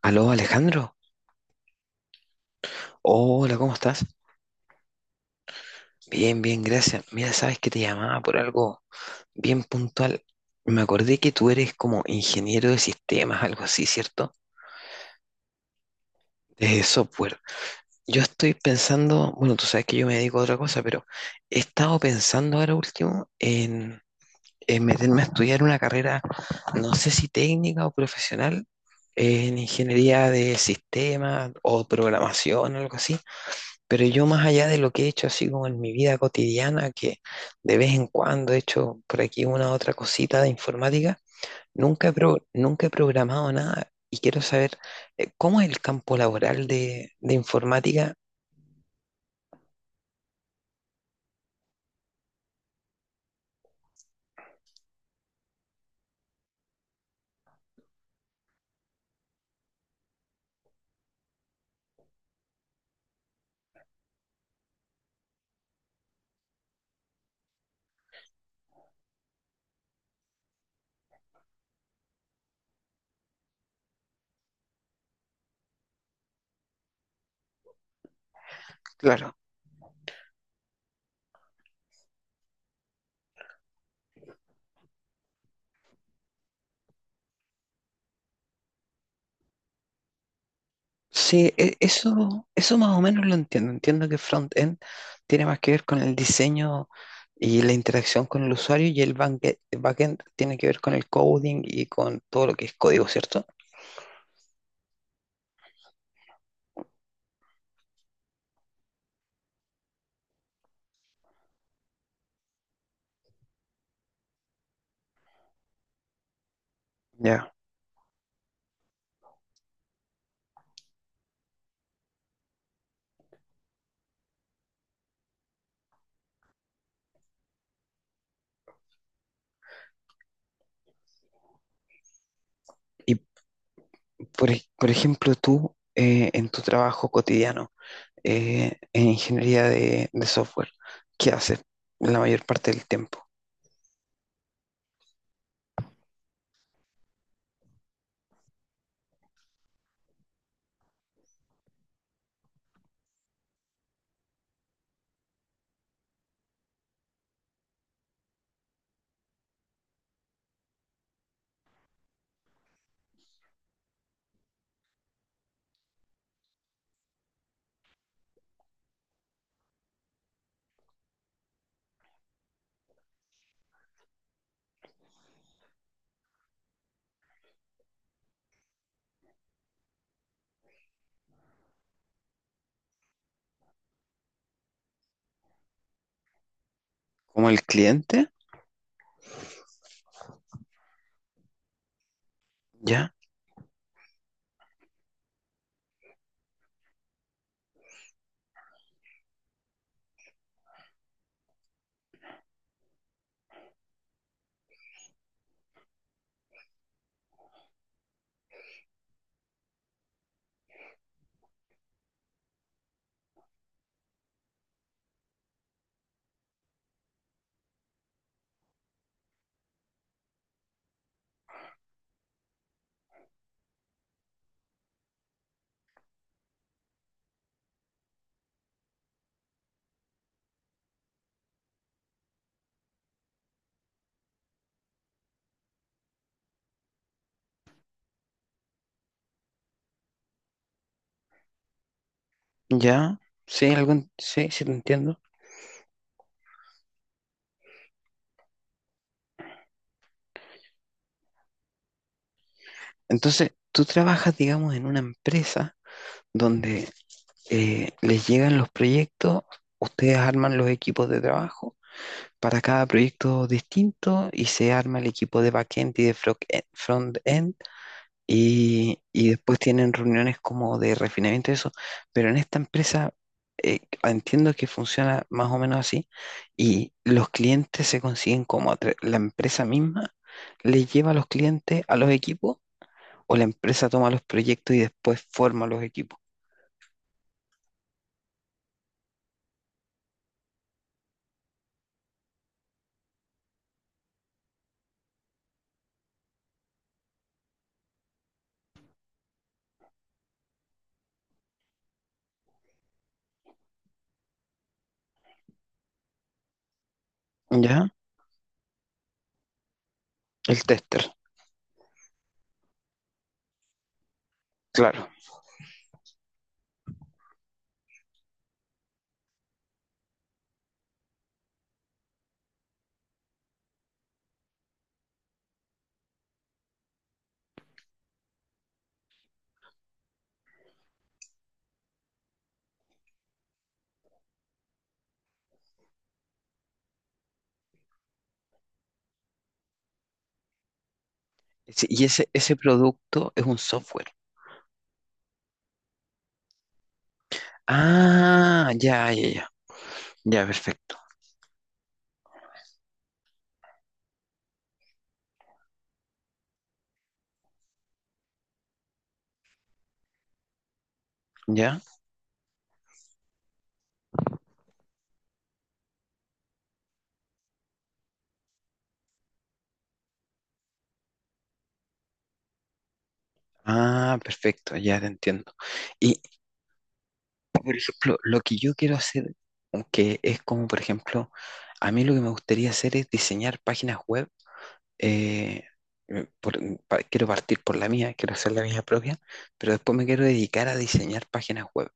Aló, Alejandro. Hola, ¿cómo estás? Bien, bien, gracias. Mira, sabes que te llamaba por algo bien puntual. Me acordé que tú eres como ingeniero de sistemas, algo así, ¿cierto? De software. Yo estoy pensando, bueno, tú sabes que yo me dedico a otra cosa, pero he estado pensando ahora último en meterme a estudiar una carrera, no sé si técnica o profesional, en ingeniería de sistemas o programación, algo así. Pero yo, más allá de lo que he hecho así como en mi vida cotidiana, que de vez en cuando he hecho por aquí una otra cosita de informática, nunca he programado nada, y quiero saber cómo es el campo laboral de informática. Claro, sí, eso, eso más o menos lo entiendo. Entiendo que front-end tiene más que ver con el diseño y la interacción con el usuario, y el el back-end tiene que ver con el coding y con todo lo que es código, ¿cierto? Ya. Y por, por ejemplo, tú, en tu trabajo cotidiano, en ingeniería de software, ¿qué haces la mayor parte del tiempo? ¿Como el cliente? ¿Ya? ¿Ya? ¿Sí? ¿Algún? Sí, sí, te entiendo. Entonces, tú trabajas, digamos, en una empresa donde, les llegan los proyectos, ustedes arman los equipos de trabajo para cada proyecto distinto, y se arma el equipo de backend y de frontend. Y después tienen reuniones como de refinamiento y eso. Pero en esta empresa, entiendo que funciona más o menos así. Y los clientes se consiguen como a la empresa misma le lleva a los clientes a los equipos, o la empresa toma los proyectos y después forma los equipos. ¿Ya? El tester, claro. Sí, y ese producto es un software. Ah, ya, ya, ya. Ya, perfecto. Ya. Ah, perfecto, ya te entiendo. Y, por ejemplo, lo que yo quiero hacer, que es como, por ejemplo, a mí lo que me gustaría hacer es diseñar páginas web. eh, eh, por- Quiero partir por la mía, quiero hacer la mía propia, pero después me quiero dedicar a diseñar páginas web.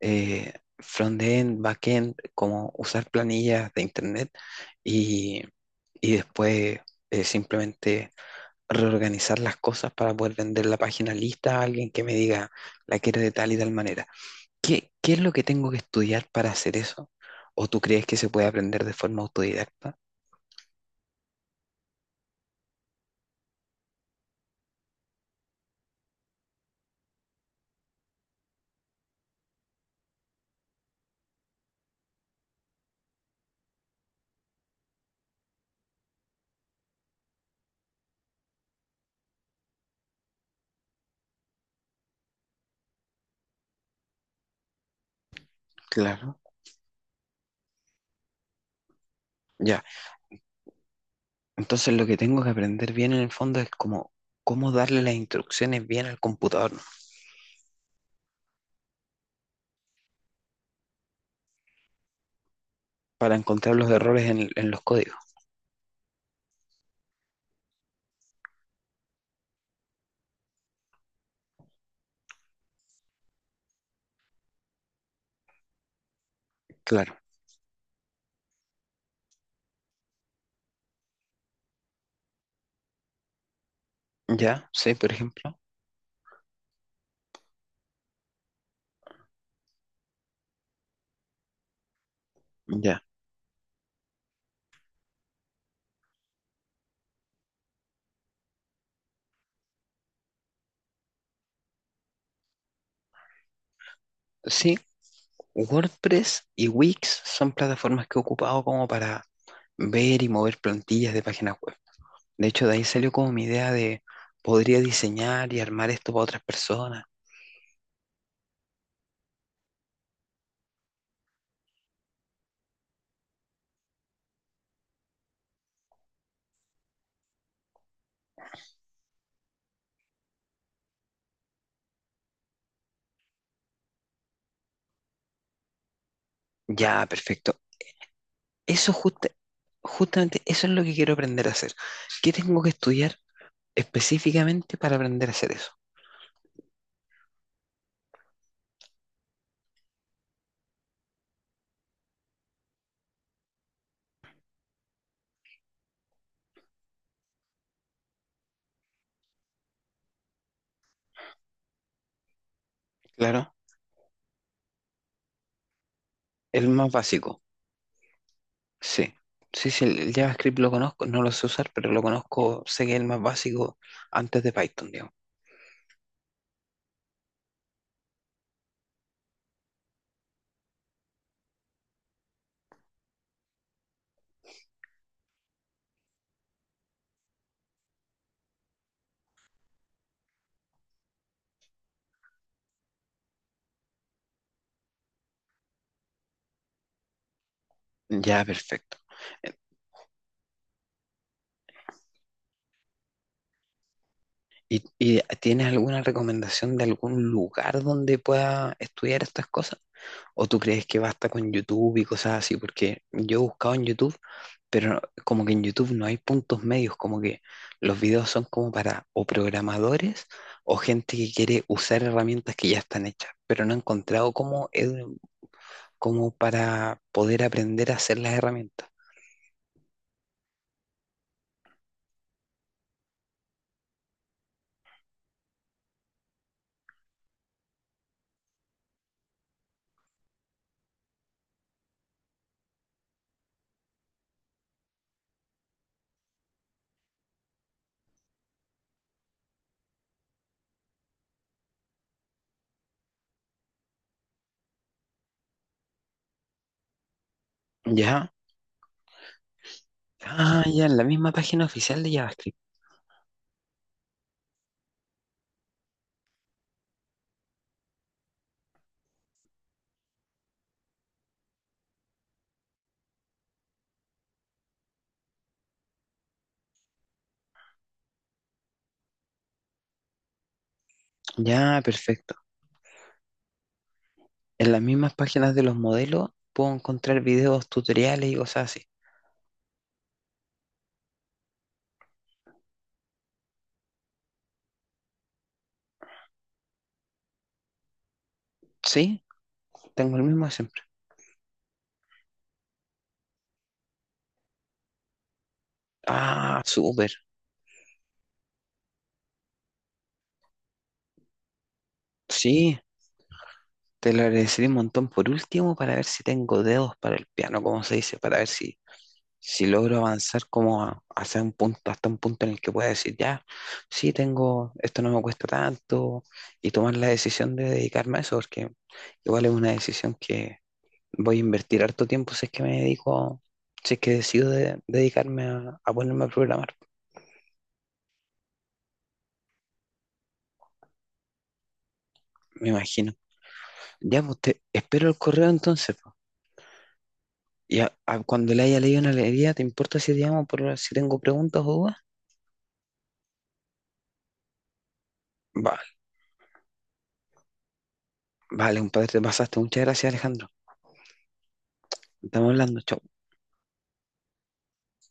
eh, Front-end, back-end, como usar planillas de internet, y, y después, simplemente reorganizar las cosas para poder vender la página lista a alguien que me diga, la quiero de tal y tal manera. ¿Qué, qué es lo que tengo que estudiar para hacer eso? ¿O tú crees que se puede aprender de forma autodidacta? Claro, ya. Entonces lo que tengo que aprender bien en el fondo es como cómo darle las instrucciones bien al computador para encontrar los errores en los códigos. Claro, ya, sí, por ejemplo, ya. Sí, WordPress y Wix son plataformas que he ocupado como para ver y mover plantillas de páginas web. De hecho, de ahí salió como mi idea de podría diseñar y armar esto para otras personas. Ya, perfecto. Eso justa- justamente, eso es lo que quiero aprender a hacer. ¿Qué tengo que estudiar específicamente para aprender a hacer eso? Claro, el más básico, sí. Sí, sí, el JavaScript lo conozco, no lo sé usar, pero lo conozco, sé que es el más básico antes de Python, digamos. Ya, perfecto. Y tienes alguna recomendación de algún lugar donde pueda estudiar estas cosas? ¿O tú crees que basta con YouTube y cosas así? Porque yo he buscado en YouTube, pero no, como que en YouTube no hay puntos medios, como que los videos son como para o programadores o gente que quiere usar herramientas que ya están hechas, pero no he encontrado cómo, cómo para poder aprender a hacer las herramientas. ¿Ya? Ah, ya, en la misma página oficial de JavaScript. Ya, perfecto. En las mismas páginas de los modelos puedo encontrar videos, tutoriales y cosas así. Sí, tengo el mismo siempre. Ah, súper. Sí, te lo agradeceré un montón por último para ver si tengo dedos para el piano, como se dice, para ver si, si logro avanzar como a, hacia un punto, hasta un punto en el que pueda decir, ya, sí, tengo, esto no me cuesta tanto, y tomar la decisión de dedicarme a eso, porque igual es una decisión que voy a invertir harto tiempo si es que me dedico, si es que decido dedicarme a ponerme a programar, me imagino. Ya, pues te espero el correo entonces. Y cuando le haya leído una alegría, ¿te importa si te llamo por si tengo preguntas o dudas? Vale, vale, compadre, te pasaste. Muchas gracias, Alejandro. Estamos hablando. Chao.